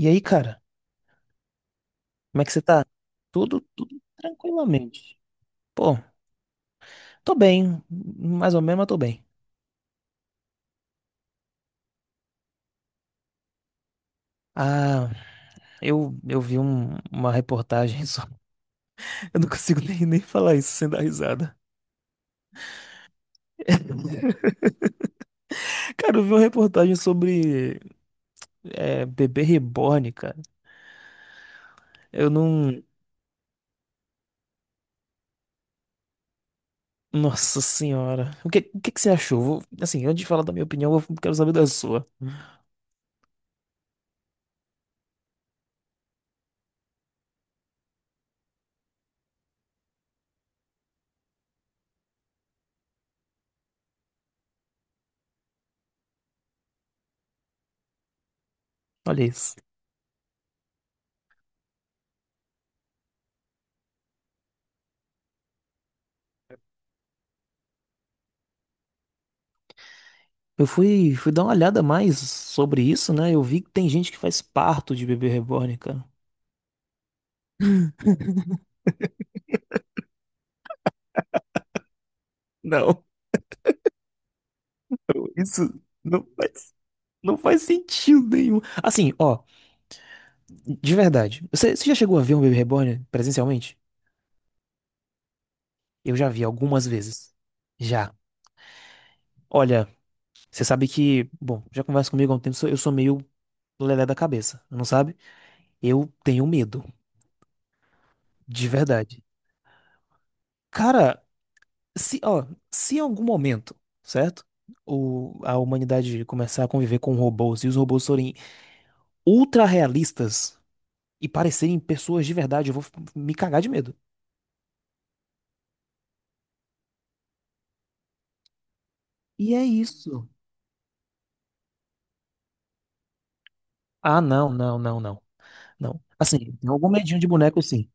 E aí, cara, como é que você tá? Tudo tranquilamente. Pô, tô bem, mais ou menos, mas tô bem. Ah, eu uma reportagem sobre. Eu não consigo nem falar isso sem dar risada. Cara, eu vi uma reportagem sobre é, bebê reborn, cara. Eu não. Nossa senhora. O que que você achou? Assim, antes de falar da minha opinião, eu quero saber da sua. Olha isso. Eu fui dar uma olhada mais sobre isso, né? Eu vi que tem gente que faz parto de bebê reborn, cara. Não, isso não faz, não faz sentido nenhum. Assim, ó, de verdade. Você já chegou a ver um Baby Reborn presencialmente? Eu já vi algumas vezes. Já. Olha, você sabe que, bom, já conversa comigo há um tempo, eu sou meio lelé da cabeça, não sabe? Eu tenho medo, de verdade. Cara, se, ó, se em algum momento, certo? A humanidade começar a conviver com robôs e os robôs forem ultra realistas e parecerem pessoas de verdade, eu vou me cagar de medo. E é isso. Ah, não, não, não, não, não. Assim, tem algum medinho de boneco, sim.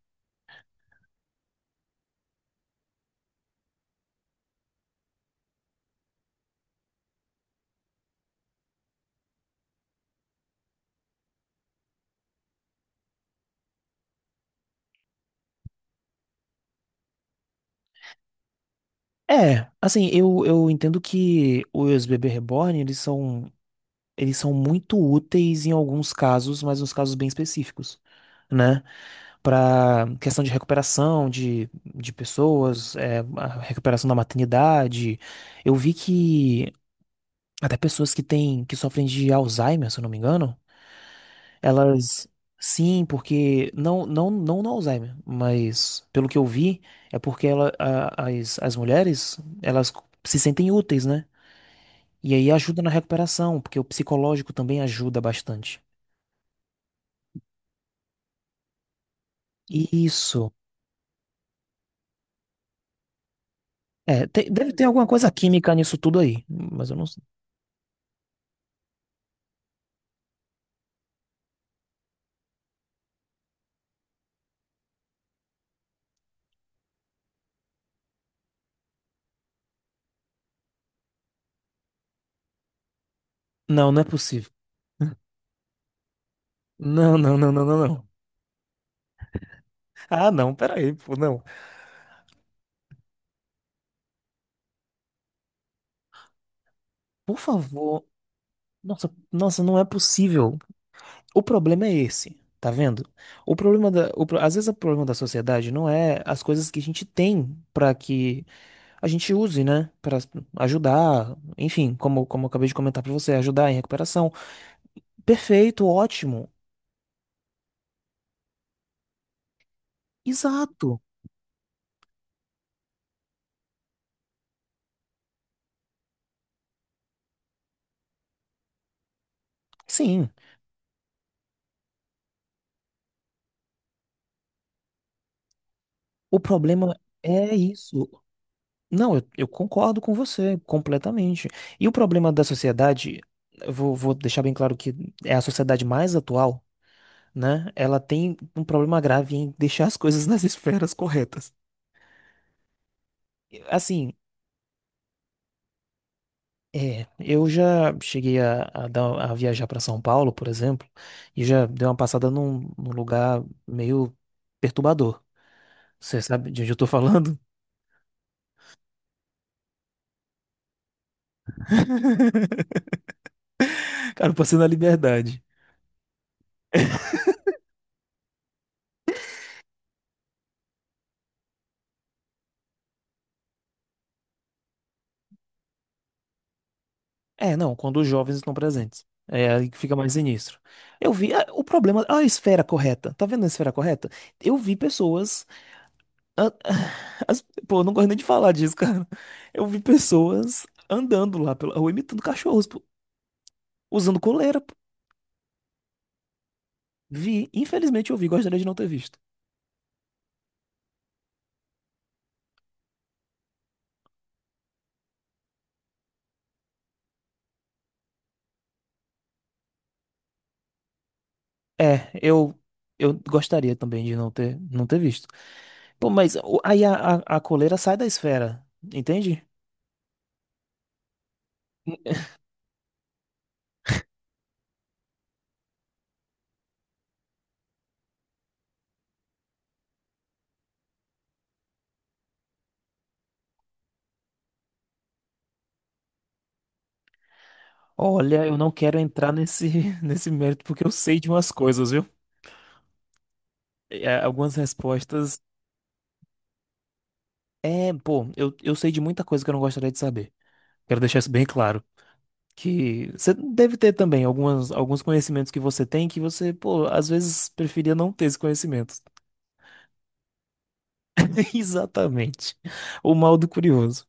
É, assim, eu entendo que os bebê reborn, eles são muito úteis em alguns casos, mas uns casos bem específicos, né? Pra questão de recuperação de pessoas, é, a recuperação da maternidade. Eu vi que até pessoas que sofrem de Alzheimer, se eu não me engano, Elas. Sim, porque. Não, não, não no Alzheimer, mas pelo que eu vi, é porque as mulheres, elas se sentem úteis, né? E aí ajuda na recuperação, porque o psicológico também ajuda bastante. E isso. É, deve ter alguma coisa química nisso tudo aí, mas eu não sei. Não, não é possível. Não, não, não, não, não, não. Ah, não, peraí, pô, não. Por favor. Nossa, nossa, não é possível. O problema é esse, tá vendo? O problema da, o pro- Às vezes o problema da sociedade não é as coisas que a gente tem pra que a gente use, né? Pra ajudar, enfim, como, como eu acabei de comentar pra você, ajudar em recuperação. Perfeito, ótimo. Exato. Sim. O problema é isso. Não, eu concordo com você completamente. E o problema da sociedade, eu vou deixar bem claro que é a sociedade mais atual, né? Ela tem um problema grave em deixar as coisas nas esferas corretas. Assim, é, eu já cheguei a viajar para São Paulo, por exemplo, e já dei uma passada num lugar meio perturbador. Você sabe de onde eu tô falando? Cara, eu passei na Liberdade. É, não, quando os jovens estão presentes. É aí que fica mais sinistro. Eu vi ah, o problema, a esfera correta. Tá vendo a esfera correta? Eu vi pessoas a- as- pô, eu não gosto nem de falar disso, cara. Eu vi pessoas andando lá pela rua imitando cachorros, pô, usando coleira, pô. Vi, infelizmente eu vi, gostaria de não ter visto. É, eu gostaria também de não ter visto. Pô, mas a coleira sai da esfera, entende? Olha, eu não quero entrar nesse nesse mérito porque eu sei de umas coisas, viu? É, algumas respostas. É, pô, eu sei de muita coisa que eu não gostaria de saber. Quero deixar isso bem claro. Que você deve ter também alguns conhecimentos que você tem que você, pô, às vezes preferia não ter esse conhecimento. Exatamente. O mal do curioso.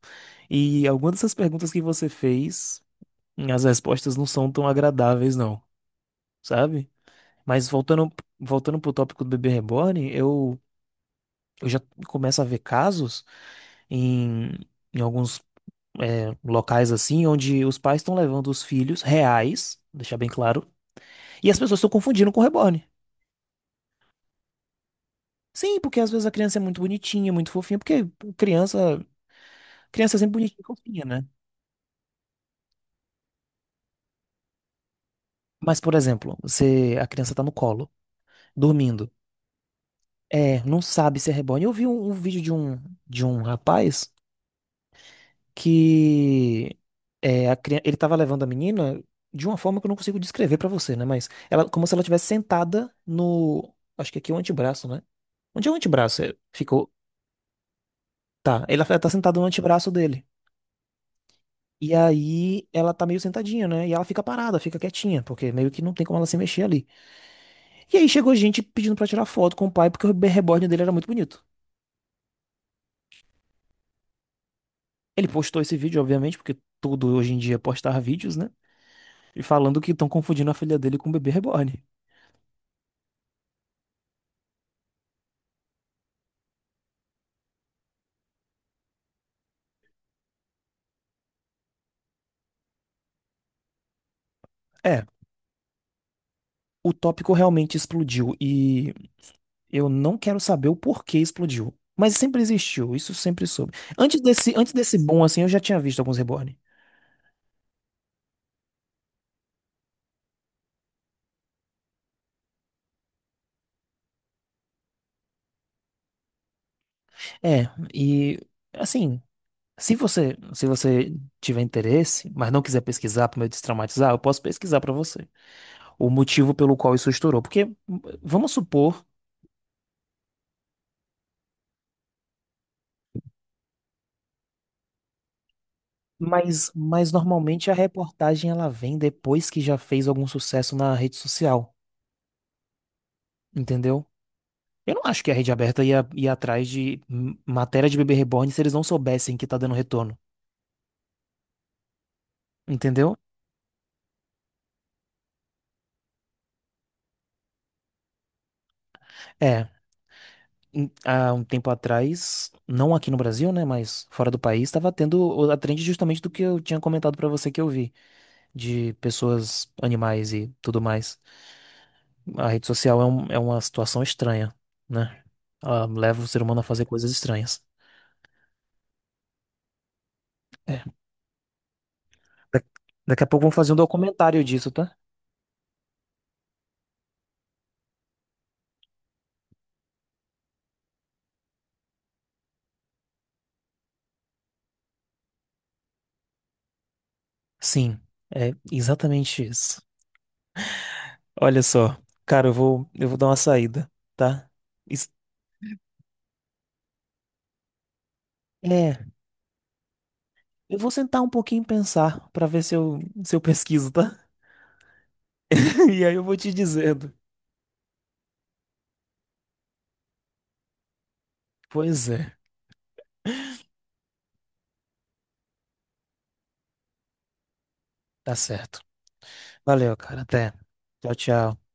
E algumas dessas perguntas que você fez, as respostas não são tão agradáveis, não, sabe? Mas voltando, voltando pro tópico do bebê reborn, eu já começo a ver casos em, em alguns é, locais assim, onde os pais estão levando os filhos reais, deixar bem claro, e as pessoas estão confundindo com reborn. Sim, porque às vezes a criança é muito bonitinha, muito fofinha, porque criança, criança é sempre bonitinha e fofinha, né? Mas, por exemplo, você, a criança tá no colo, dormindo. É, não sabe se é reborn. Eu vi um vídeo de um rapaz que é, ele tava levando a menina de uma forma que eu não consigo descrever pra você, né? Mas ela, como se ela estivesse sentada no, acho que aqui é o antebraço, né? Onde é o antebraço? É, ficou, tá. Ela tá sentada no antebraço dele. E aí ela tá meio sentadinha, né? E ela fica parada, fica quietinha, porque meio que não tem como ela se mexer ali. E aí chegou gente pedindo pra tirar foto com o pai, porque o reborn dele era muito bonito. Ele postou esse vídeo, obviamente, porque tudo hoje em dia é postar vídeos, né? E falando que estão confundindo a filha dele com o bebê reborn. É, o tópico realmente explodiu e eu não quero saber o porquê explodiu. Mas sempre existiu, isso sempre soube. Antes desse boom, assim, eu já tinha visto alguns reborn. É, e assim. Se você tiver interesse, mas não quiser pesquisar para me destraumatizar, eu posso pesquisar para você o motivo pelo qual isso estourou. Porque vamos supor, mas normalmente a reportagem ela vem depois que já fez algum sucesso na rede social, entendeu? Eu não acho que a rede aberta ia atrás de matéria de bebê reborn se eles não soubessem que tá dando retorno, entendeu? É. Há um tempo atrás, não aqui no Brasil, né, mas fora do país, estava tendo a trend justamente do que eu tinha comentado para você que eu vi de pessoas, animais e tudo mais. A rede social é, é uma situação estranha, né? Ela leva o ser humano a fazer coisas estranhas. É. Da- Daqui a pouco vamos fazer um documentário disso, tá? Sim, é exatamente isso. Olha só, cara, eu vou dar uma saída, tá? Isso- é, eu vou sentar um pouquinho e pensar pra ver se eu pesquiso, tá? E aí eu vou te dizendo. Pois é, tá certo. Valeu, cara. Até. Tchau, tchau.